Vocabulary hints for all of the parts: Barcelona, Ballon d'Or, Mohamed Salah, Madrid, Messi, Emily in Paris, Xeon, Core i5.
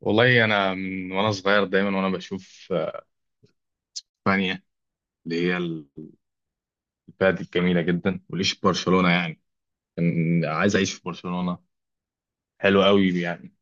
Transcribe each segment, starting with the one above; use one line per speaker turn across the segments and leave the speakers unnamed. والله انا من وانا صغير دايما وانا بشوف اسبانيا اللي هي البلد الجميله جدا، وليش برشلونه، يعني كان عايز اعيش في برشلونه. حلو قوي يعني.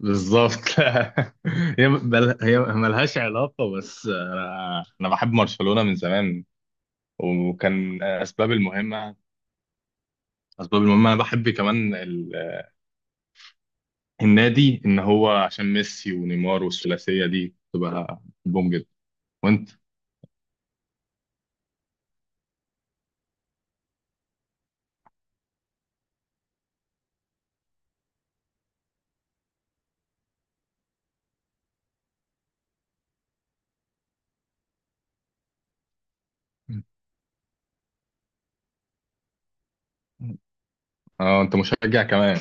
بالظبط. هي ملهاش علاقه، بس انا بحب برشلونه من زمان. وكان اسباب المهمه اسباب المهمه انا بحب كمان النادي، ان هو عشان ميسي ونيمار والثلاثيه دي تبقى بوم جدا. وانت؟ اه انت مشجع كمان.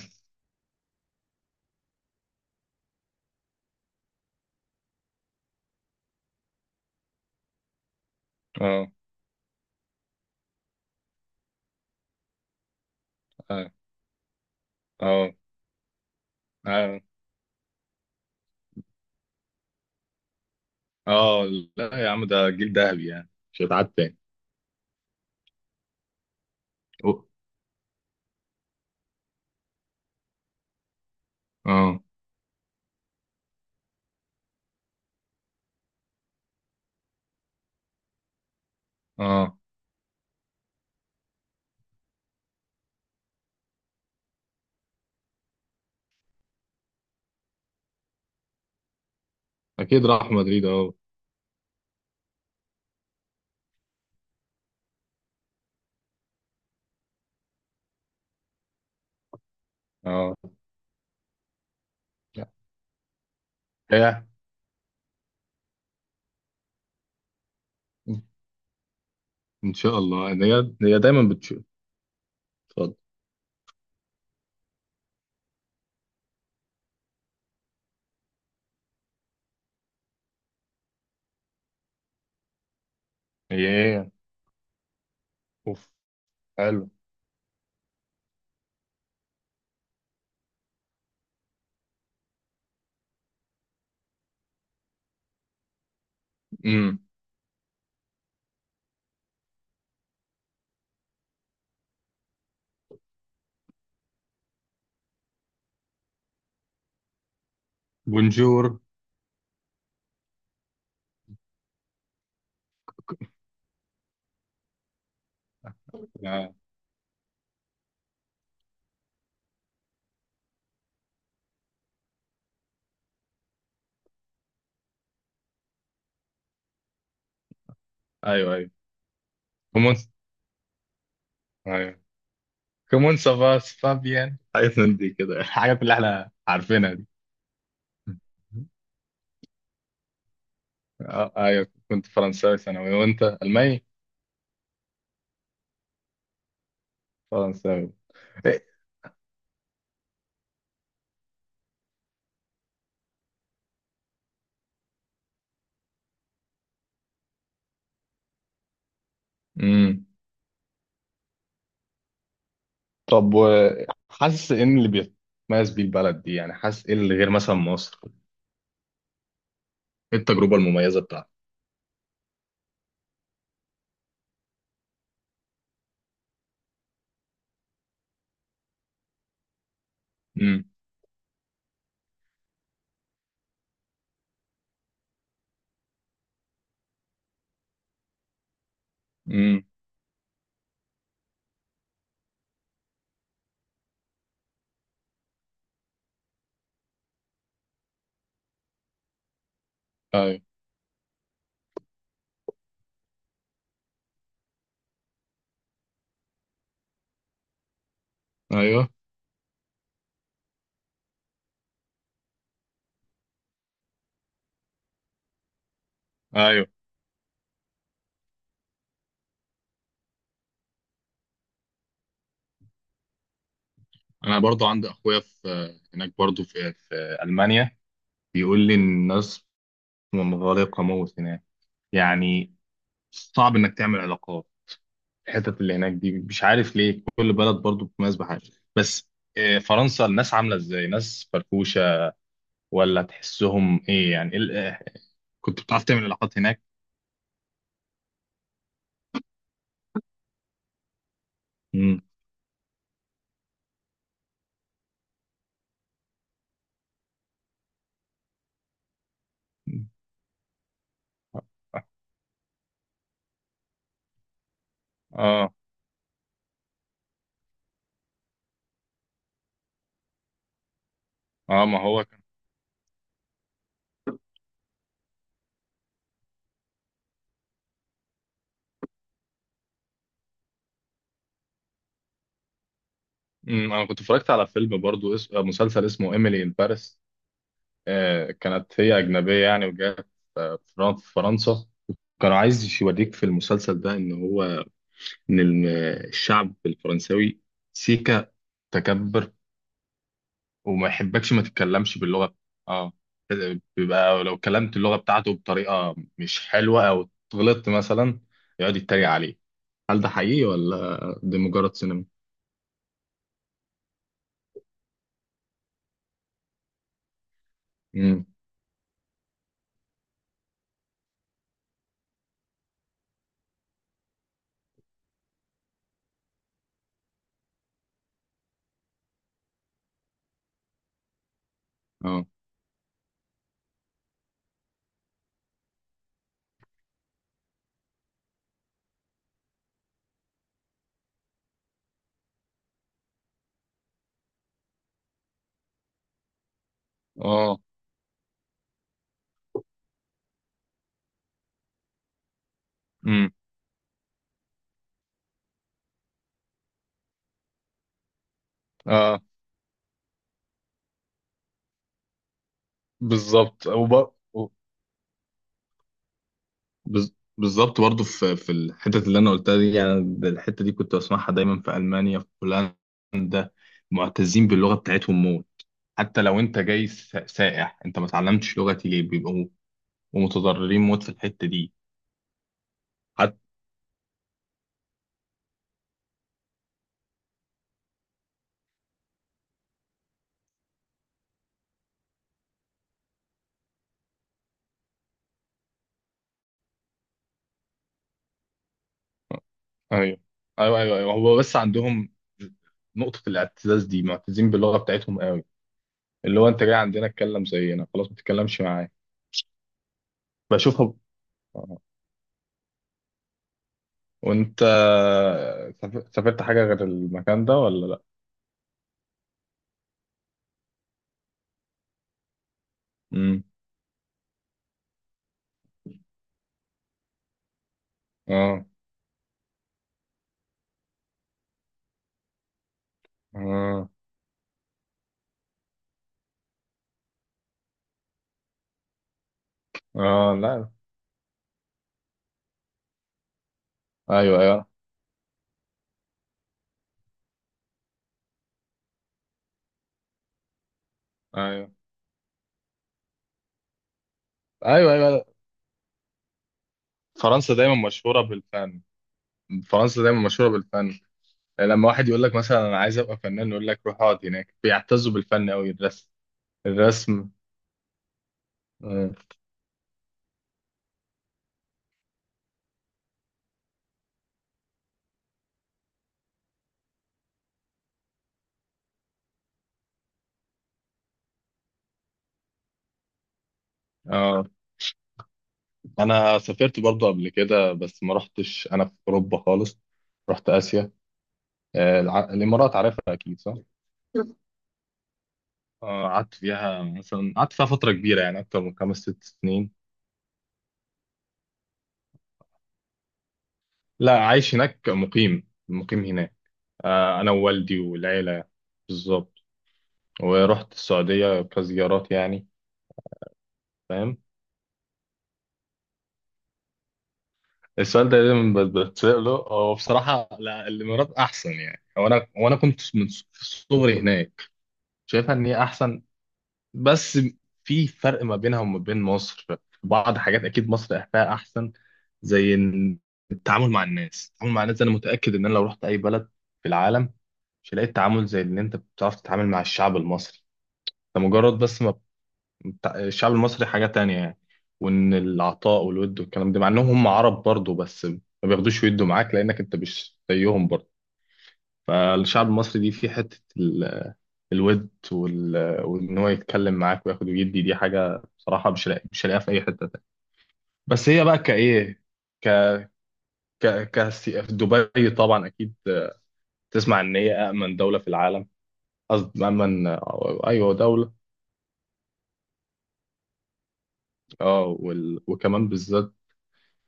اه. آه. اه. اه. اه. لا يا عم، ده جيل ذهبي يعني، مش هيتعاد تاني. أو- اه. اه. اكيد راح مدريد اه. اه. لا. هي، ان شاء الله. هي دايما بتشوف. اتفضل. هي. هي. اوف. حلو. امم. بونجور. آه. ايوه ايوه، كومون، ايوه، كومون سافاس فابيان، حاجات من دي كده الحاجات اللي احنا عارفينها دي. آه. ايوه كنت فرنساوي ثانوي، وانت الماني؟ فرنساوي. إيه. طب، وحاسس ان اللي بيتميز بيه البلد دي، يعني حاسس ايه اللي غير مثلا مصر؟ ايه التجربه المميزه بتاعتك؟ امم. امم. ايوه ايوه ايوه. انا برضو عندي اخويا في هناك، برضو في المانيا، بيقول لي ان الناس منغلقه موت هناك يعني. صعب انك تعمل علاقات. الحتت اللي هناك دي مش عارف ليه، كل بلد برضو بتميز بحاجه. بس فرنسا الناس عامله ازاي؟ ناس فرفوشه ولا تحسهم ايه يعني؟ كنت بتعرف تعمل علاقات هناك؟ اه. اه. ما هو كان. انا كنت اتفرجت على فيلم برضو، مسلسل اسمه ايميلي ان باريس. آه، كانت هي اجنبيه يعني، وجات في فرنسا. كان عايز يوريك في المسلسل ده ان هو، ان ال- الشعب الفرنساوي سيكا، تكبر، وما يحبكش ما تتكلمش باللغه. اه. بيبقى لو كلمت اللغه بتاعته بطريقه مش حلوه، او غلطت مثلا، يقعد يتريق عليه. هل ده حقيقي ولا ده مجرد سينما؟ امم. اه. اه. امم. اه. بالظبط. بالظبط برضه، في الحتت اللي انا قلتها دي يعني، الحته دي كنت بسمعها دايما في المانيا، في هولندا. معتزين باللغه بتاعتهم موت. حتى لو انت جاي سائح، انت ما اتعلمتش لغتي ليه؟ بيبقوا متضررين موت في الحته دي. حتى. ايوه ايوه ايوه ايوه. هو بس عندهم نقطه الاعتزاز دي، معتزين باللغه بتاعتهم قوي. اللي هو انت جاي عندنا اتكلم زينا، خلاص ما تتكلمش معايا. بشوفها. وانت سافرت حاجة غير المكان ده ولا لا؟ امم. اه. اه. اه. لا. ايوه ايوه ايوه ايوه ايوه. فرنسا دايما مشهورة بالفن. فرنسا دايما مشهورة بالفن. لما واحد يقول لك مثلا انا عايز ابقى فنان، يقول لك روح اقعد هناك، بيعتزوا بالفن قوي، الرسم. الرسم. اه. آه. انا سافرت برضو قبل كده، بس ما رحتش انا في اوروبا خالص، رحت اسيا. آه، الامارات عارفها اكيد صح؟ آه، قعدت فيها فترة كبيرة يعني، أكتر من 5 6 سنين. لا عايش هناك، مقيم مقيم هناك. آه، أنا ووالدي والعيلة. بالظبط. ورحت السعودية كزيارات يعني. فاهم. السؤال ده دايما بتسأله. هو بصراحة، لا الإمارات أحسن يعني، وأنا كنت في صغري هناك، شايفها إن هي أحسن. بس في فرق ما بينها وما بين مصر. في بعض حاجات اكيد مصر فيها احسن، زي إن التعامل مع الناس، انا متاكد ان انا لو رحت اي بلد في العالم، مش هلاقي التعامل زي اللي انت بتعرف تتعامل مع الشعب المصري. ده مجرد بس ما، الشعب المصري حاجه تانية يعني. وان العطاء والود والكلام ده، مع انهم هم عرب برضه، بس ما بياخدوش ويدوا معاك لانك انت مش زيهم برضه. فالشعب المصري دي، في حته الود، وان هو يتكلم معاك وياخد ويدي دي، حاجه بصراحه مش لاقيها في اي حته تانية. بس هي بقى كايه. ك ك ك في دبي طبعا، اكيد تسمع ان هي امن دوله في العالم. قصدي امن. ايوه دوله. اه. وكمان بالذات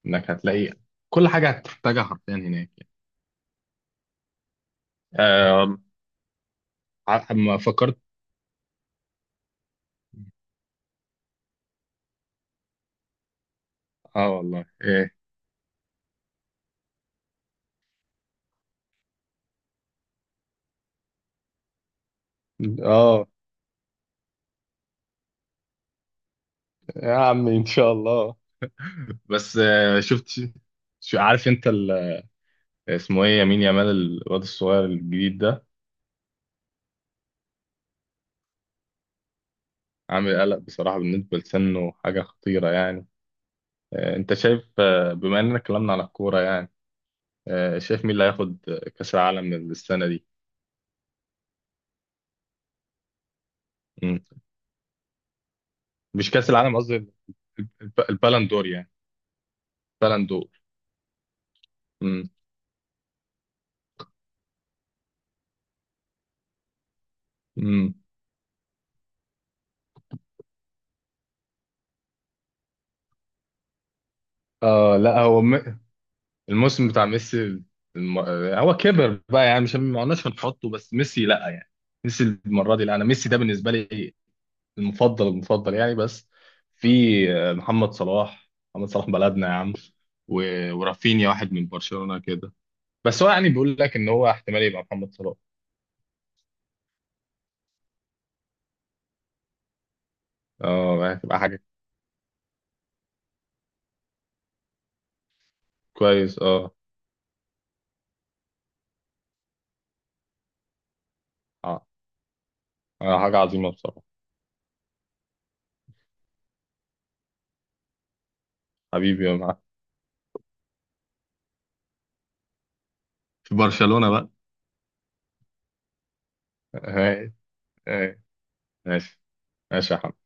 انك هتلاقي كل حاجه هتحتاجها حرفيا هناك يعني. آه... ما فكرت. اه والله ايه. اه يا عم ان شاء الله. بس شفت، شو عارف انت اسمه ايه؟ يمين يامال، الواد الصغير الجديد ده. عامل قلق بصراحة، بالنسبة لسنه حاجة خطيرة يعني. انت شايف، بما اننا اتكلمنا على الكورة يعني، شايف مين اللي هياخد كأس العالم السنة دي؟ مم. مش كأس العالم، قصدي البالندور يعني. بالندور. مم. مم. اه لا هو الموسم بتاع ميسي، هو كبر بقى يعني، مش ما قلناش هنحطه، بس ميسي لا يعني. ميسي المرة دي لا، انا ميسي ده بالنسبة لي المفضل، المفضل يعني. بس في محمد صلاح. محمد صلاح بلدنا يا عم، ورافينيا واحد من برشلونة كده. بس هو يعني بيقول لك ان هو احتمال يبقى محمد صلاح. اه يعني تبقى حاجة. كويس. اه. اه. حاجة عظيمة بصراحة. حبيبي يا معلم، في برشلونة بقى. آه، آه، ماشي ماشي يا حبيبي.